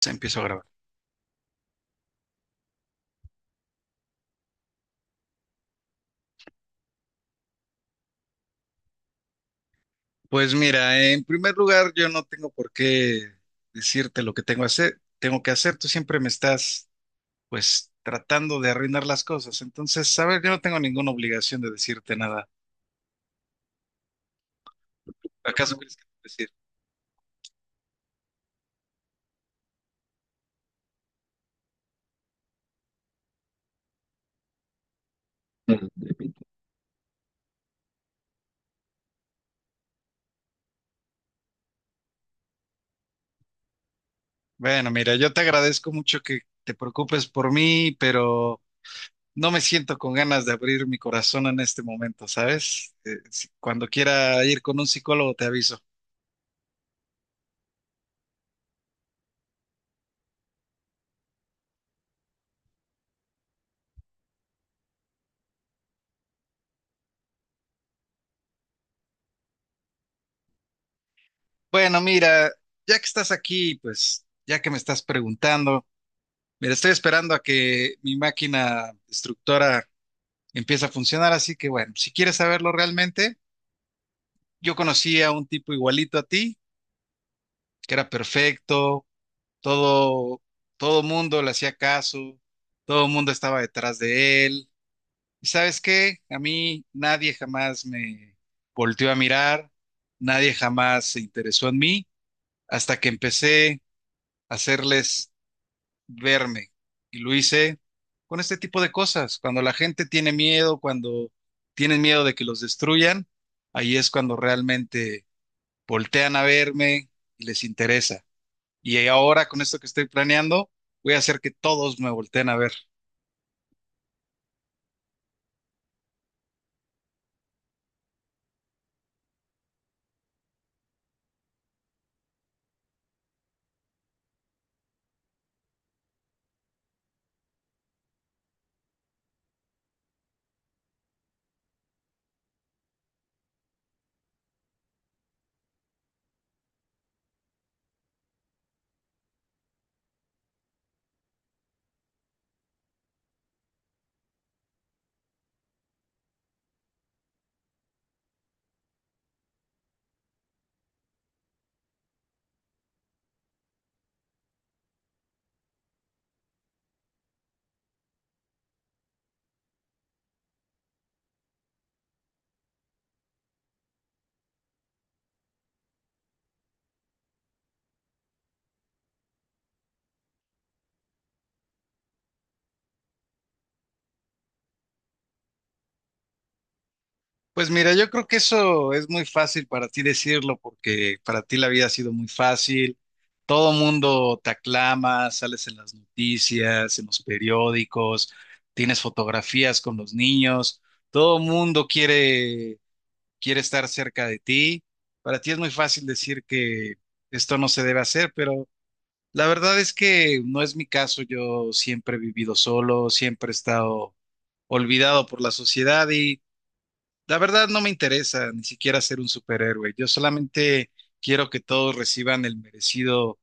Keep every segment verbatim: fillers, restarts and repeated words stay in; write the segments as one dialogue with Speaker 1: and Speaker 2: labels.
Speaker 1: Se empiezo a grabar. Pues mira, en primer lugar, yo no tengo por qué decirte lo que tengo que hacer, tengo que hacer. Tú siempre me estás, pues, tratando de arruinar las cosas. Entonces, sabes, yo no tengo ninguna obligación de decirte nada. ¿Acaso quieres que te decir? Mm. Bueno, mira, yo te agradezco mucho que te preocupes por mí, pero no me siento con ganas de abrir mi corazón en este momento, ¿sabes? Eh, si- cuando quiera ir con un psicólogo, te aviso. Bueno, mira, ya que estás aquí, pues, ya que me estás preguntando. Mira, estoy esperando a que mi máquina destructora empiece a funcionar, así que bueno, si quieres saberlo realmente, yo conocí a un tipo igualito a ti, que era perfecto, todo, todo mundo le hacía caso, todo el mundo estaba detrás de él. ¿Y sabes qué? A mí nadie jamás me volteó a mirar, nadie jamás se interesó en mí, hasta que empecé a hacerles verme. Y lo hice con este tipo de cosas. Cuando la gente tiene miedo, cuando tienen miedo de que los destruyan, ahí es cuando realmente voltean a verme y les interesa. Y ahora con esto que estoy planeando, voy a hacer que todos me volteen a ver. Pues mira, yo creo que eso es muy fácil para ti decirlo, porque para ti la vida ha sido muy fácil. Todo mundo te aclama, sales en las noticias, en los periódicos, tienes fotografías con los niños, todo mundo quiere, quiere estar cerca de ti. Para ti es muy fácil decir que esto no se debe hacer, pero la verdad es que no es mi caso. Yo siempre he vivido solo, siempre he estado olvidado por la sociedad, la verdad no me interesa ni siquiera ser un superhéroe. Yo solamente quiero que todos reciban el merecido,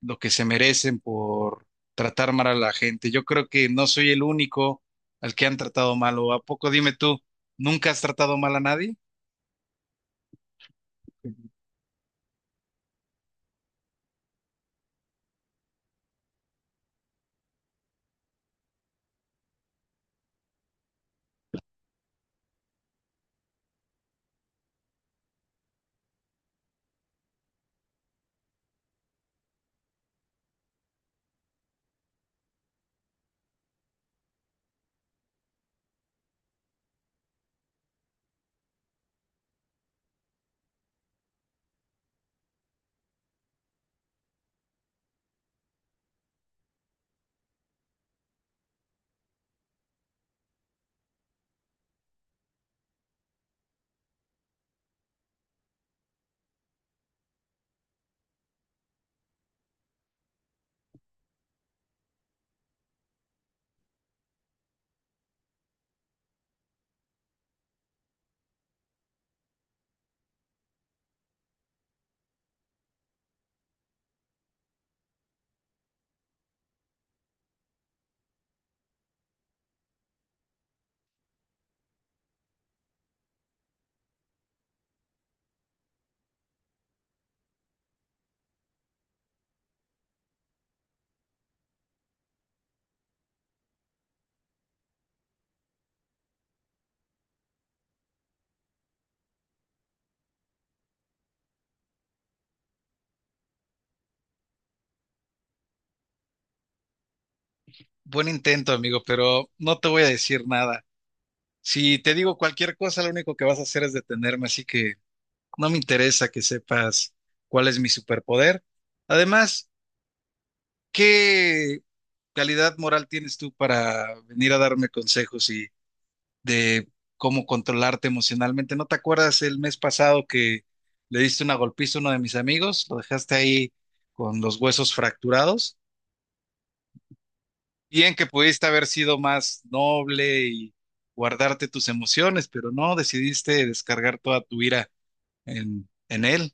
Speaker 1: lo que se merecen por tratar mal a la gente. Yo creo que no soy el único al que han tratado mal. ¿O a poco dime tú, nunca has tratado mal a nadie? Buen intento, amigo, pero no te voy a decir nada. Si te digo cualquier cosa, lo único que vas a hacer es detenerme, así que no me interesa que sepas cuál es mi superpoder. Además, ¿qué calidad moral tienes tú para venir a darme consejos y de cómo controlarte emocionalmente? ¿No te acuerdas el mes pasado que le diste una golpiza a uno de mis amigos? Lo dejaste ahí con los huesos fracturados. Bien que pudiste haber sido más noble y guardarte tus emociones, pero no, decidiste descargar toda tu ira en, en él.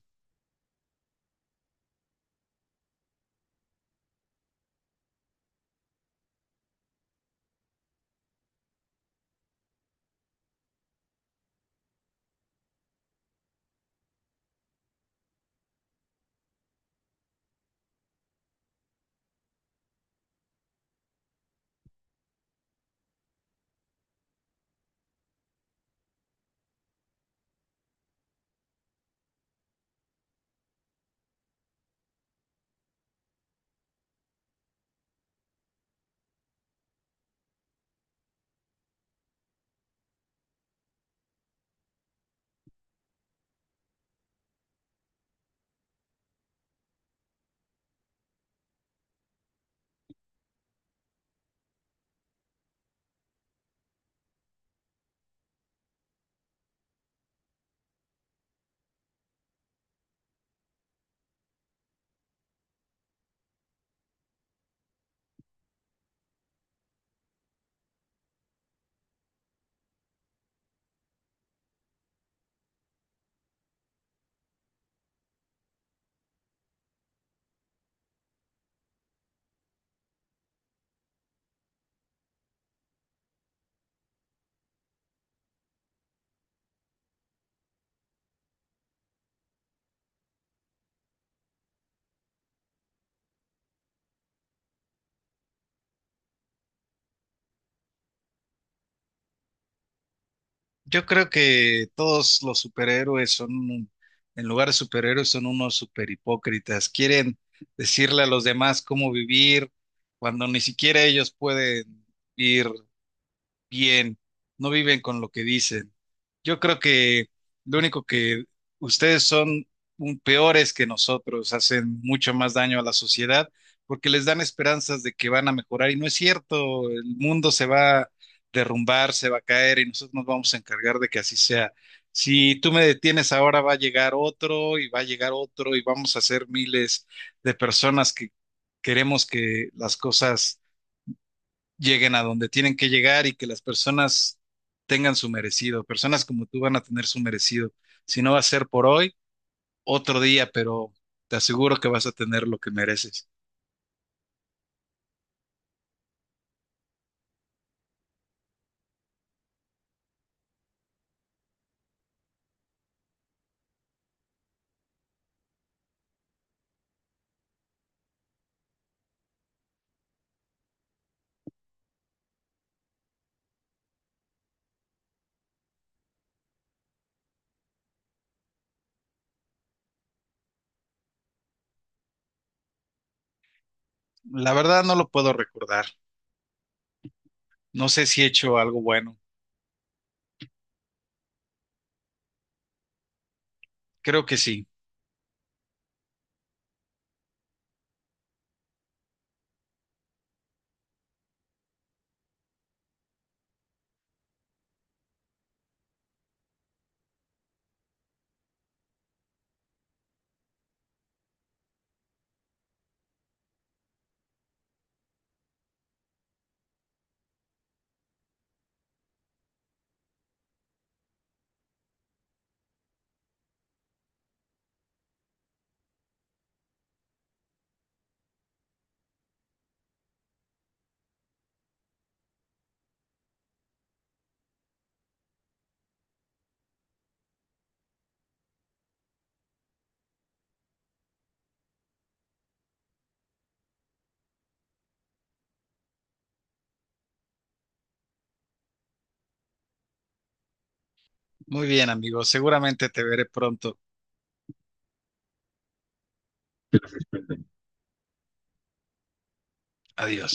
Speaker 1: Yo creo que todos los superhéroes son, un- en lugar de superhéroes, son unos superhipócritas. Quieren decirle a los demás cómo vivir cuando ni siquiera ellos pueden vivir bien, no viven con lo que dicen. Yo creo que lo único que ustedes son un- peores que nosotros, hacen mucho más daño a la sociedad porque les dan esperanzas de que van a mejorar y no es cierto, el mundo se va a derrumbar, se va a caer y nosotros nos vamos a encargar de que así sea. Si tú me detienes ahora, va a llegar otro y va a llegar otro y vamos a ser miles de personas que queremos que las cosas lleguen a donde tienen que llegar y que las personas tengan su merecido. Personas como tú van a tener su merecido. Si no va a ser por hoy, otro día, pero te aseguro que vas a tener lo que mereces. La verdad no lo puedo recordar. No sé si he hecho algo bueno. Creo que sí. Muy bien, amigo. Seguramente te veré pronto. Adiós.